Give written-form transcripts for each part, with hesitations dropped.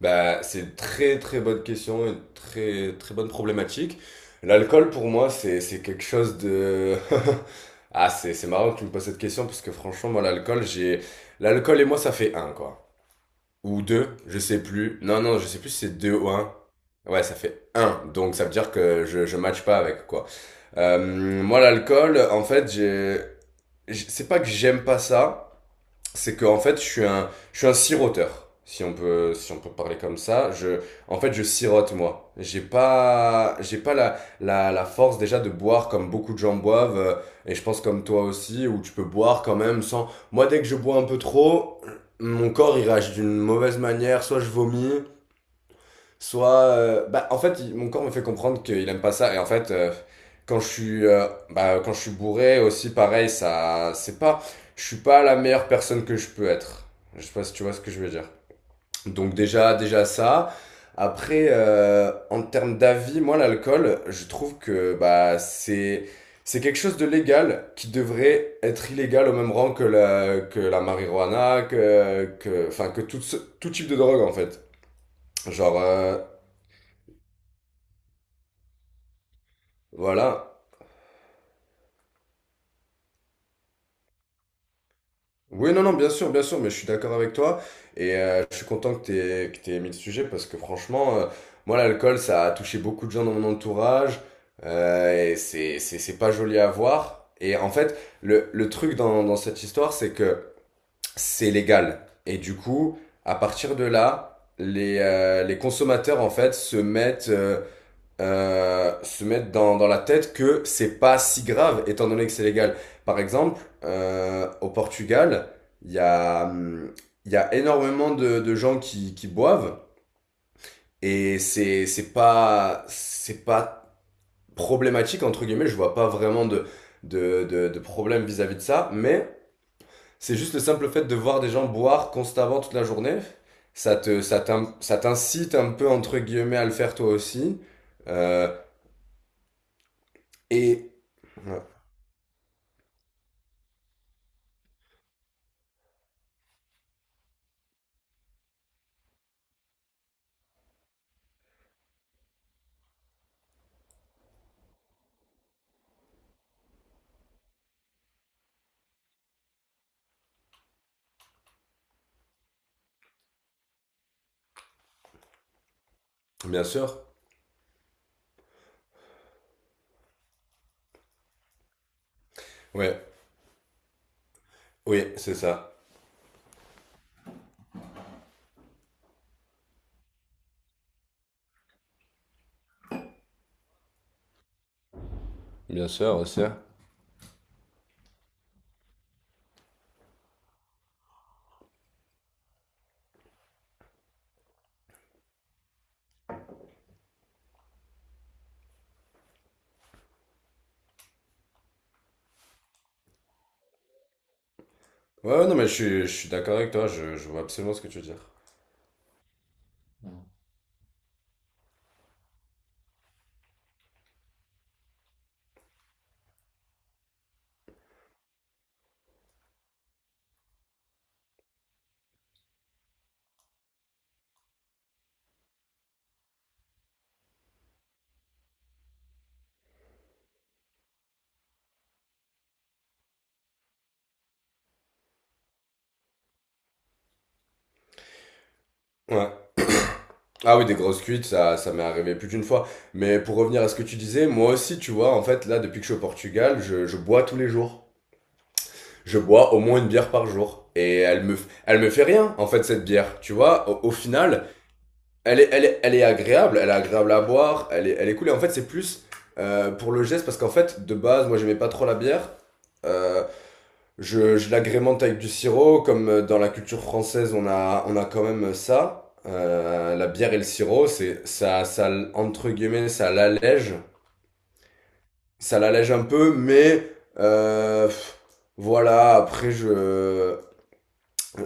Bah, c'est une très très bonne question, une très très bonne problématique. L'alcool pour moi c'est quelque chose de Ah, c'est marrant que tu me poses cette question parce que franchement moi l'alcool, j'ai l'alcool et moi ça fait un quoi. Ou deux, je sais plus. Non non, je sais plus si c'est deux ou un. Ouais, ça fait un. Donc ça veut dire que je match pas avec quoi. Moi l'alcool en fait, c'est pas que j'aime pas ça, c'est que en fait, je suis un siroteur, si on peut parler comme ça. Je, en fait, je sirote moi. J'ai pas la, la, la force déjà de boire comme beaucoup de gens boivent, et je pense comme toi aussi, où tu peux boire quand même sans. Moi, dès que je bois un peu trop, mon corps il réagit d'une mauvaise manière. Soit je vomis, soit, en fait, mon corps me fait comprendre qu'il aime pas ça. Et en fait, quand je suis, quand je suis bourré aussi, pareil, c'est pas, je suis pas la meilleure personne que je peux être. Je sais pas si tu vois ce que je veux dire. Donc déjà, déjà ça. Après, en termes d'avis, moi, l'alcool, je trouve que bah c'est quelque chose de légal qui devrait être illégal au même rang que que la marijuana, enfin, que tout type de drogue en fait. Genre, voilà. Oui, non, non, bien sûr, mais je suis d'accord avec toi. Et je suis content que t'aies mis le sujet parce que franchement, moi, l'alcool, ça a touché beaucoup de gens dans mon entourage. Et c'est pas joli à voir. Et en fait, le truc dans cette histoire, c'est que c'est légal. Et du coup, à partir de là, les consommateurs, en fait, se mettent, se mettre dans la tête que c'est pas si grave étant donné que c'est légal. Par exemple, au Portugal, il y a, hum, il y a énormément de gens qui boivent et c'est pas problématique entre guillemets. Je vois pas vraiment de problème vis-à-vis de ça, mais c'est juste le simple fait de voir des gens boire constamment toute la journée. Ça ça t'incite un peu entre guillemets à le faire toi aussi. Euh, et euh, Bien sûr. Ouais. Oui, c'est ça. Bien sûr, aussi. Ouais, ouais, non, mais je suis d'accord avec toi, je vois absolument ce que tu veux dire. Ouais. Ah oui, des grosses cuites, ça m'est arrivé plus d'une fois. Mais pour revenir à ce que tu disais, moi aussi, tu vois, en fait, là, depuis que je suis au Portugal, je bois tous les jours. Je bois au moins une bière par jour. Et elle me fait rien, en fait, cette bière. Tu vois, au final, elle est agréable à boire, elle est cool. Et en fait, c'est plus pour le geste, parce qu'en fait, de base, moi, j'aimais pas trop la bière. Euh, je l'agrémente avec du sirop, comme dans la culture française, on a quand même ça. La bière et le sirop, c'est ça, entre guillemets, ça l'allège un peu, mais euh, pff, voilà. Après,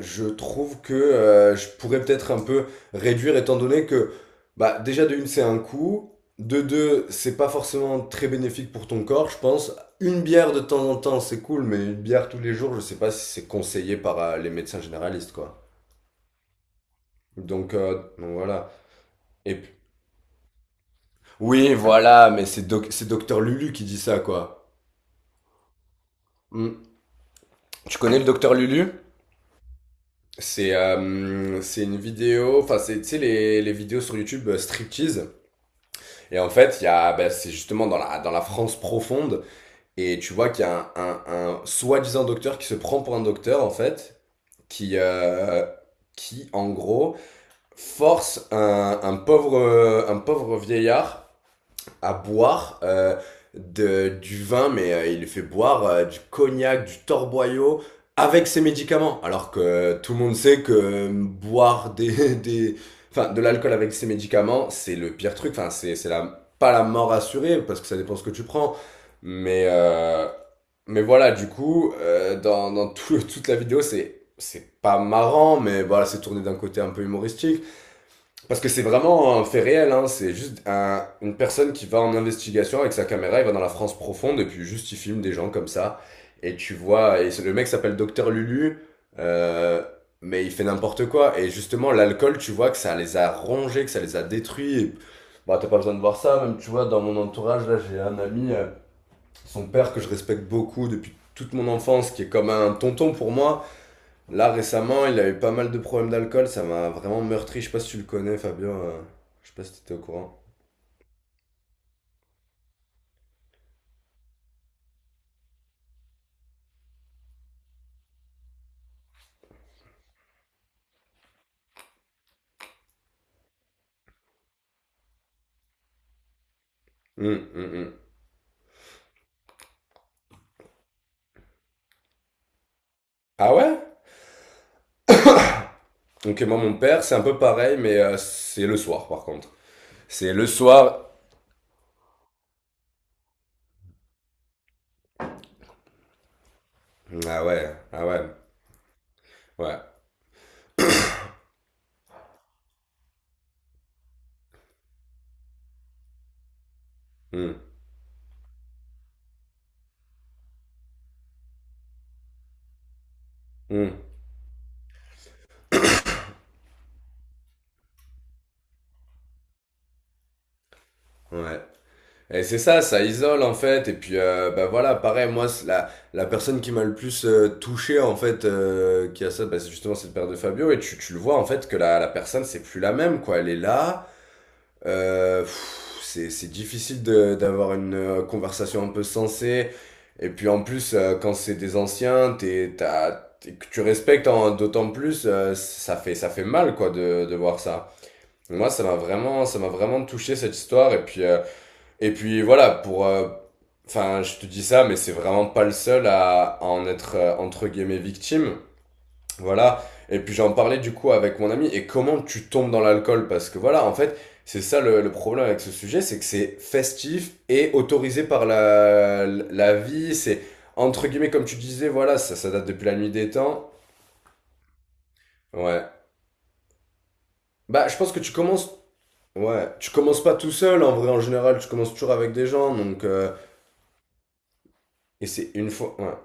je trouve que je pourrais peut-être un peu réduire étant donné que bah, déjà de une c'est un coût, de deux c'est pas forcément très bénéfique pour ton corps, je pense. Une bière de temps en temps c'est cool, mais une bière tous les jours je sais pas si c'est conseillé par les médecins généralistes quoi. Donc voilà. Et puis- oui voilà, mais c'est docteur Lulu qui dit ça quoi. Hmm. Tu connais le docteur Lulu? C'est une vidéo, enfin c'est tu sais les vidéos sur YouTube striptease. Et en fait, il y a, bah, c'est justement dans la France profonde, et tu vois qu'il y a un soi-disant docteur qui se prend pour un docteur, en fait, qui, euh, qui en gros, force un pauvre vieillard à boire du vin, mais il lui fait boire du cognac, du torboyau avec ses médicaments. Alors que tout le monde sait que boire des, enfin, de l'alcool avec ses médicaments, c'est le pire truc. Enfin, pas la mort assurée parce que ça dépend ce que tu prends. Mais, euh, mais voilà, du coup, dans toute la vidéo, c'est pas marrant, mais voilà, c'est tourné d'un côté un peu humoristique. Parce que c'est vraiment un fait réel, hein. C'est juste une personne qui va en investigation avec sa caméra, il va dans la France profonde et puis juste il filme des gens comme ça. Et tu vois, et le mec s'appelle Docteur Lulu, euh, mais il fait n'importe quoi. Et justement, l'alcool, tu vois que ça les a rongés, que ça les a détruits. Et... Bah, t'as pas besoin de voir ça, même tu vois, dans mon entourage, là j'ai un ami, son père que je respecte beaucoup depuis toute mon enfance, qui est comme un tonton pour moi. Là, récemment, il a eu pas mal de problèmes d'alcool, ça m'a vraiment meurtri. Je sais pas si tu le connais, Fabien. Je sais pas si t'étais au courant. Hum, hum, hum. Ah ouais? Donc, moi, mon père, c'est un peu pareil, mais c'est le soir, par contre. C'est le soir. Ah ouais, ah ouais, ouais. Hum, hum, ouais. Et c'est ça, ça isole, en fait. Et puis, voilà, pareil, moi, c'est la personne qui m'a le plus touché, en fait, qui a ça, bah, c'est justement, cette le de Fabio. Et tu le vois, en fait, que la personne, c'est plus la même, quoi. Elle est là. Pff, c'est difficile d'avoir une conversation un peu sensée. Et puis en plus, quand c'est des anciens, t'as, que tu respectes d'autant plus, ça fait mal quoi de voir ça. Moi, ça m'a vraiment touché cette histoire. Et puis voilà, pour, enfin, je te dis ça, mais c'est vraiment pas le seul à en être entre guillemets victime. Voilà. Et puis j'en parlais du coup avec mon ami. Et comment tu tombes dans l'alcool? Parce que voilà, en fait, c'est ça le problème avec ce sujet, c'est que c'est festif et autorisé par la vie. C'est entre guillemets, comme tu disais, voilà, ça date depuis la nuit des temps. Ouais. Bah, je pense que tu commences. Ouais, tu commences pas tout seul en vrai en général, tu commences toujours avec des gens donc et c'est une fois ouais.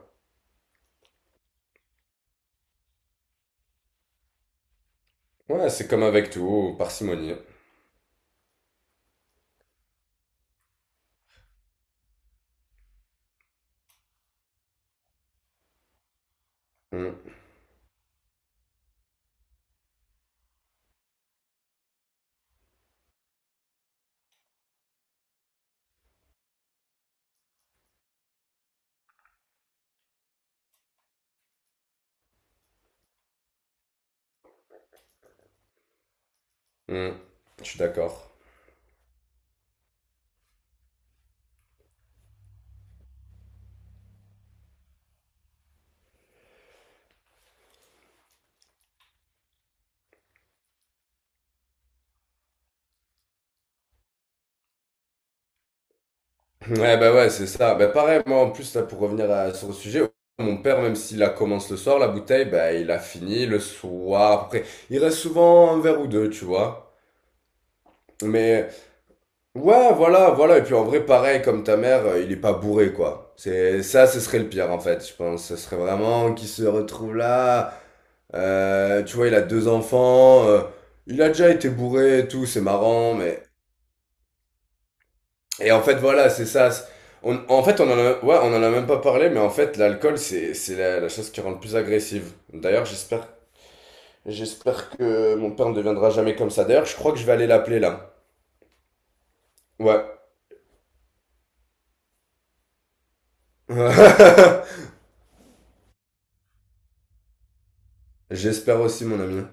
Ouais, c'est comme avec tout, parcimonie. Hum, hum. Je suis d'accord. Ouais, bah ouais, c'est ça. Bah pareil, moi en plus, là, pour revenir sur le sujet, mon père, même s'il la commence le soir, la bouteille, bah il a fini le soir. Après, il reste souvent un verre ou deux, tu vois. Mais ouais, voilà, voilà. Et puis en vrai, pareil, comme ta mère, il est pas bourré, quoi. C'est ça, ce serait le pire en fait, je pense. Ce serait vraiment qu'il se retrouve là. Tu vois, il a deux enfants. Il a déjà été bourré et tout, c'est marrant, mais et en fait, voilà, c'est ça. On, en fait, ouais, on en a même pas parlé, mais en fait, l'alcool, c'est la chose qui rend le plus agressive. D'ailleurs, j'espère, j'espère que mon père ne deviendra jamais comme ça. D'ailleurs, je crois que je vais aller l'appeler là. Ouais. J'espère aussi, mon ami.